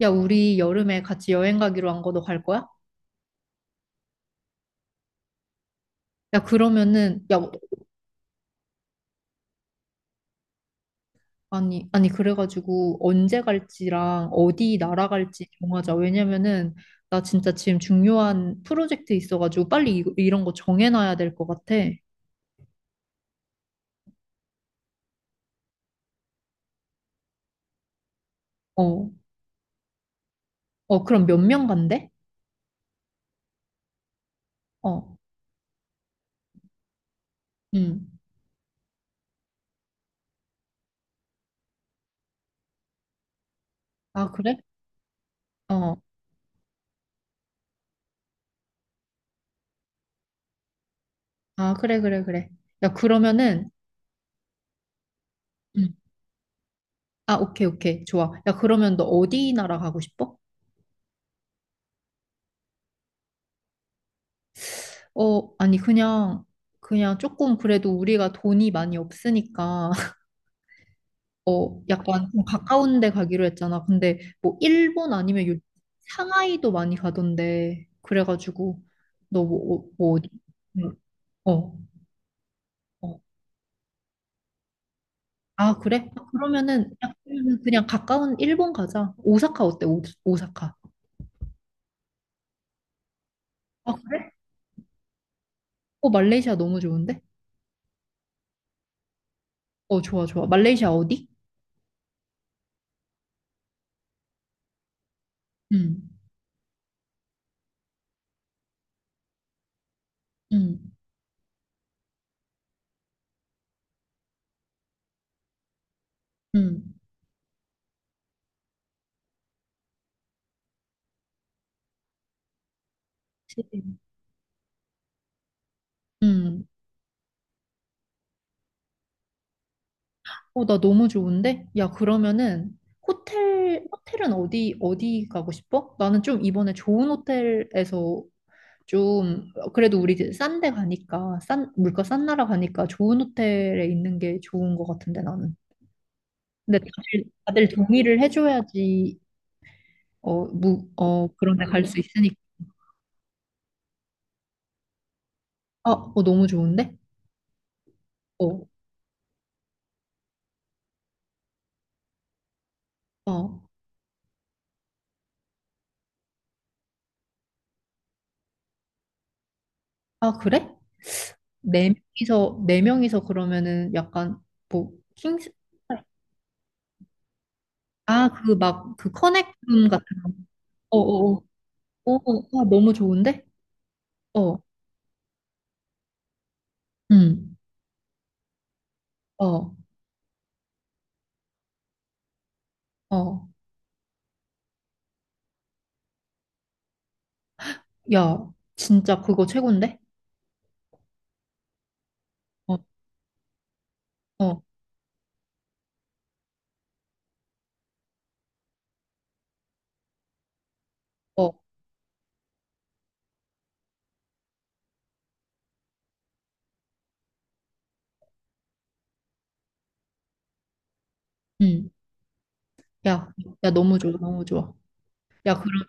야, 우리 여름에 같이 여행 가기로 한 거 너 갈 거야? 야, 그러면은, 야, 아니, 아니, 그래가지고 언제 갈지랑 어디 나라 갈지 정하자. 왜냐면은, 나 진짜 지금 중요한 프로젝트 있어가지고 빨리 이런 거 정해놔야 될 것 같아. 어, 어, 그럼 몇 명 간대? 어, 음. 아, 그래? 어, 아, 그래, 그래, 그래. 야, 그러면은, 음. 아, 오케이, 오케이. 좋아. 야, 그러면 너 어디 나라 가고 싶어? 어, 아니, 그냥 조금 그래도 우리가 돈이 많이 없으니까, 어, 약간 좀 가까운 데 가기로 했잖아. 근데 뭐 일본 아니면 요, 상하이도 많이 가던데, 그래가지고, 너 뭐, 어, 뭐 어디? 응, 어, 어. 아, 그래? 아, 그러면은, 약간 그냥 가까운 일본 가자. 오사카 어때? 오사카. 아, 그래? 어, 말레이시아 너무 좋은데? 어, 좋아, 좋아. 말레이시아 어디? 응, 응, 응. 응. 어, 나 너무 좋은데? 야, 그러면은 호텔은 어디 어디 가고 싶어? 나는 좀 이번에 좋은 호텔에서 좀 그래도 우리 이제 싼 데 가니까 싼 물가 싼 나라 가니까 좋은 호텔에 있는 게 좋은 것 같은데 나는. 근데 다들, 다들 동의를 해줘야지 어, 무, 어 그런 데 갈 수 있으니까. 아, 어, 너무 좋은데? 어, 어. 아, 그래? 네 네 명이서 그러면은 약간 뭐 킹스 아, 그 커넥룸 같은 거. 어어어. 아, 너무 좋은데? 어, 응, 어, 어. 야, 진짜 그거 최고인데? 어, 어, 어, 응. 야, 야, 너무 좋아, 너무 좋아. 야, 그럼,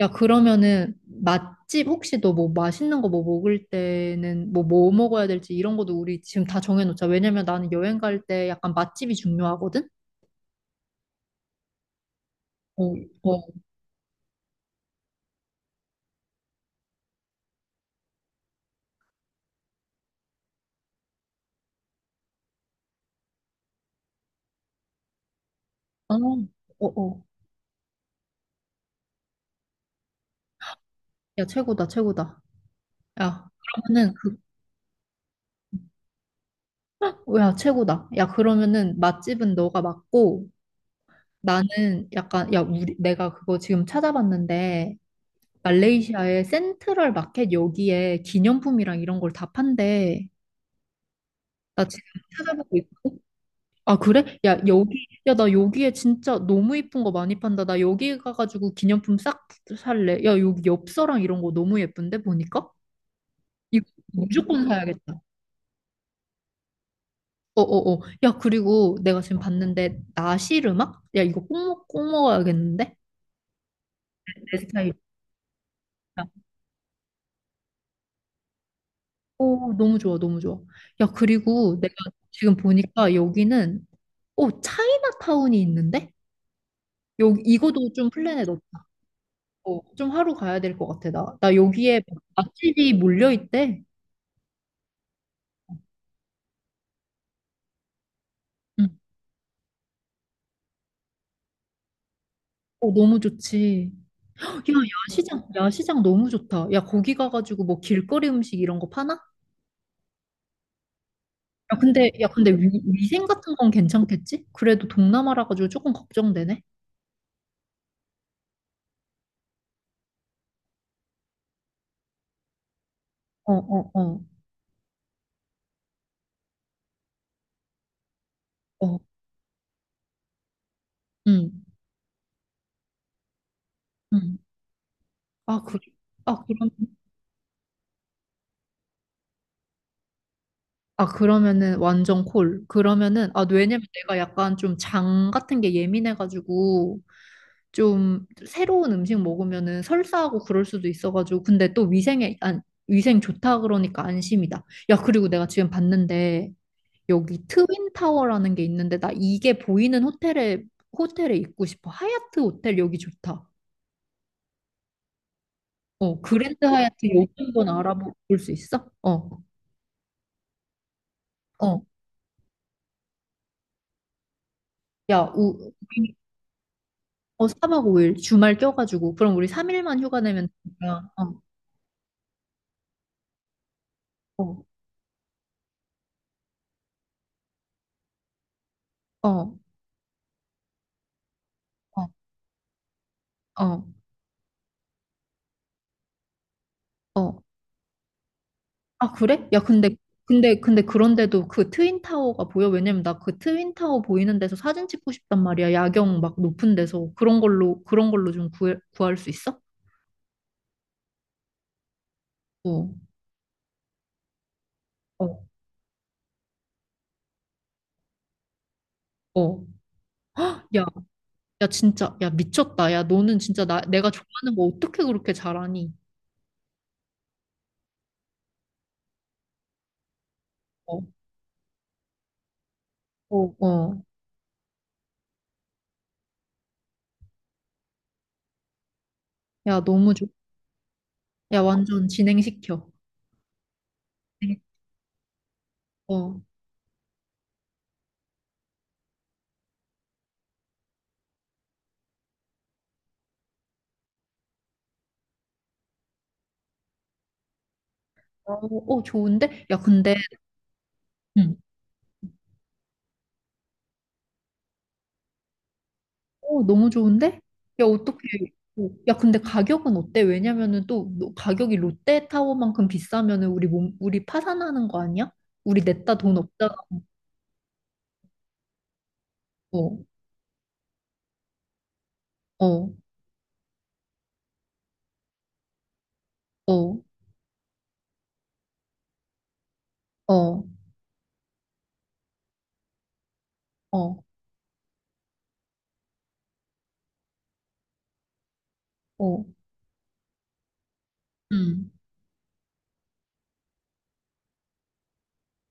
야, 그러면은, 맛집 혹시 너 뭐 맛있는 거 뭐 먹을 때는 뭐 먹어야 될지 이런 것도 우리 지금 다 정해놓자. 왜냐면 나는 여행 갈 때 약간 맛집이 중요하거든? 어, 어, 어, 어, 어. 야, 최고다, 최고다. 야, 그러면은 그 야, 최고다. 야, 그러면은 맛집은 너가 맞고 나는 약간 야, 우리 내가 그거 지금 찾아봤는데 말레이시아의 센트럴 마켓 여기에 기념품이랑 이런 걸 다 판대. 나 지금 찾아보고 있고. 아, 그래? 야, 나 여기에 진짜 너무 이쁜 거 많이 판다. 나 여기 가가지고 기념품 싹 살래. 야, 여기 엽서랑 이런 거 너무 예쁜데 보니까? 이거 무조건 사야겠다. 어어어. 야, 그리고 내가 지금 봤는데, 나시르막? 야, 이거 꼭, 꼭 먹어야겠는데? 내 스타일이다. 오, 너무 좋아, 너무 좋아. 야, 그리고 내가 지금 보니까 여기는, 오, 차이나타운이 있는데? 여 이거도 좀 플랜에 넣자. 어, 좀 하루 가야 될 것 같아, 나. 나 여기에 맛집이 몰려있대. 응. 어, 너무 좋지. 야, 야시장, 야시장 너무 좋다. 야, 거기 가가지고 뭐 길거리 음식 이런 거 파나? 야, 근데, 야, 근데 위생 같은 건 괜찮겠지? 그래도 동남아라 가지고 조금 걱정되네. 어, 어, 어, 어, 응, 응. 아, 그, 아, 그럼, 아, 그러면은 완전 콜. 그러면은, 아, 왜냐면 내가 약간 좀 장 같은 게 예민해가지고 좀 새로운 음식 먹으면은 설사하고 그럴 수도 있어가지고. 근데 또 위생에, 안, 위생 좋다 그러니까 안심이다. 야, 그리고 내가 지금 봤는데 여기 트윈 타워라는 게 있는데 나 이게 보이는 호텔에 있고 싶어. 하얏트 호텔 여기 좋다. 어, 그랜드 하얏트 여기 한번 알아볼 수 있어? 어, 어. 야, 우리 어, 4박 5일 주말 껴가지고 그럼 우리 3일만 휴가 내면 되니까. 어, 어, 어, 어, 어. 어. 아, 그래? 야, 근데 그런데도 그 트윈 타워가 보여? 왜냐면 나 그 트윈 타워 보이는 데서 사진 찍고 싶단 말이야. 야경 막 높은 데서 그런 걸로 좀 구할 수 있어? 어. 어, 어. 야, 야, 진짜, 야, 미쳤다. 야, 너는 진짜 내가 좋아하는 거 어떻게 그렇게 잘하니? 어, 어, 어. 야, 너무 좋, 야, 완전 진행시켜. 네. 어, 어, 어, 좋은데? 야, 근데, 응. 어, 너무 좋은데? 야, 어떻게, 어. 야, 근데 가격은 어때? 왜냐면은 또 가격이 롯데타워만큼 비싸면은 우리 우리 파산하는 거 아니야? 우리 냈다 돈 없잖아. 어, 어, 어, 어, 어, 어. 응,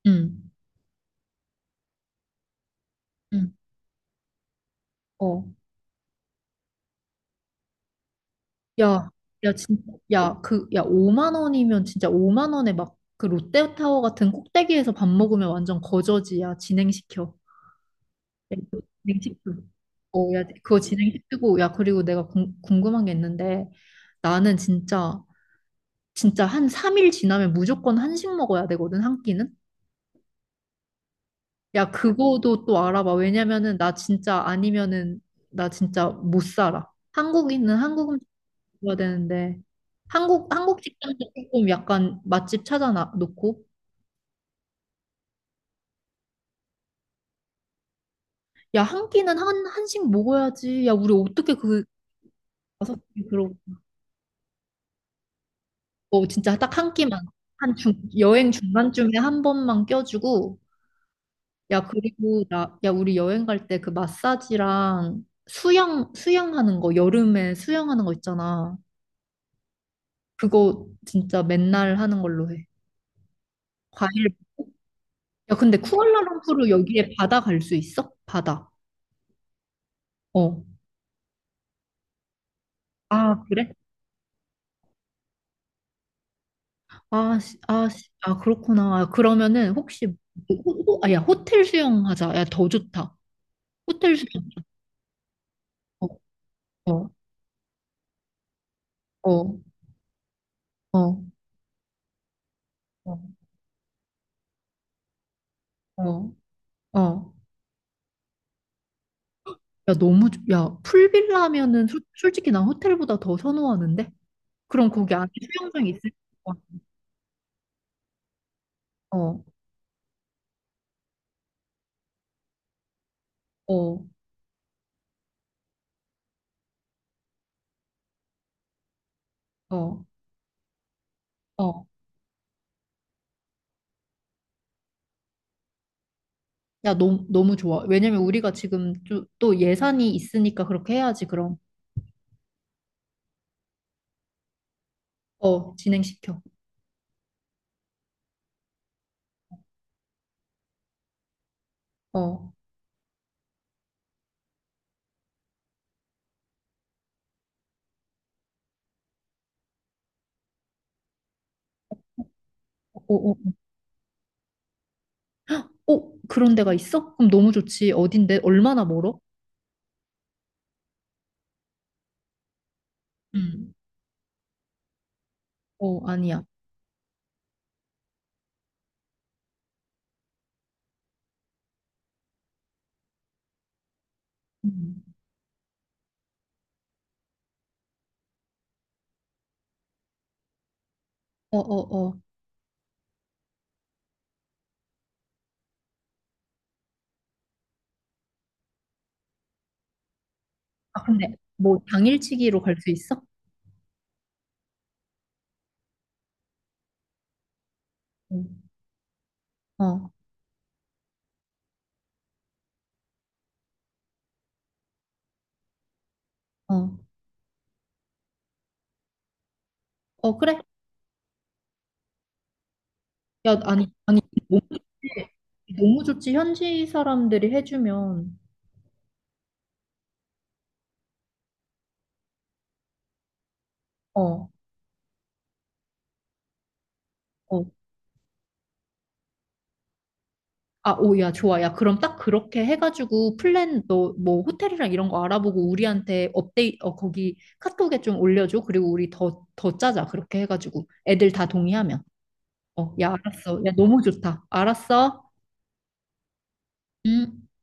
응, 응. 어. 야, 야, 진짜, 야, 그, 야, 5만 원이면 진짜 5만 원에 막 그 롯데타워 같은 꼭대기에서 밥 먹으면 완전 거저지, 야, 진행시켜. 야, 이거 진행시켜. 어, 야, 그거 진행시키고, 야, 그리고 내가 궁금한 게 있는데, 나는 진짜, 진짜 한 3일 지나면 무조건 한식 먹어야 되거든, 한 끼는? 야, 그거도 또 알아봐. 왜냐면은, 나 진짜 아니면은, 나 진짜 못 살아. 한국인은 한국 먹어야 되는데 한국 식당도 조금 약간 맛집 찾아놔 놓고 야 한 끼는 한 한식 먹어야지 야 우리 어떻게 그 다섯 끼 그러고 뭐 진짜 딱 한 끼만 한 중, 여행 중간쯤에 한 번만 껴주고 야 그리고 나 야 우리 여행 갈 때 그 마사지랑 수영하는 거 여름에 수영하는 거 있잖아 그거 진짜 맨날 하는 걸로 해 과일 먹고. 야 근데 쿠알라룸푸르 여기에 바다 갈 수 있어? 바다 어 아, 그래? 아, 그렇구나. 아, 그러면은 혹시 아, 야, 호텔 수영 하자. 야, 더 좋다. 호텔 수영. 어, 어, 어, 어, 어, 어. 어. 야, 야, 풀빌라면은 솔직히 난 호텔보다 더 선호하는데. 그럼 거기 안에 수영장 있을 거야. 어, 어, 어, 어. 야, 너무 너무 좋아. 왜냐면 우리가 지금 또, 또 예산이 있으니까 그렇게 해야지. 그럼 어, 진행시켜. 어, 어, 어. 어, 그런 데가 있어? 그럼 너무 좋지. 어딘데? 얼마나 멀어? 음. 어, 아니야. 음. 어, 어, 어. 아, 근데 뭐 당일치기로 갈 수 있어? 음. 어, 어. 어, 그래. 야, 아니, 아니, 너무, 너무 좋지. 현지 사람들이 해주면. 어, 어. 아, 오, 야, 좋아. 야, 그럼 딱 그렇게 해가지고 플랜, 너, 뭐, 호텔이랑 이런 거 알아보고 우리한테 어, 거기 카톡에 좀 올려줘. 그리고 우리 더, 더 짜자. 그렇게 해가지고. 애들 다 동의하면. 어, 야, 알았어. 야, 너무 좋다. 알았어? 응?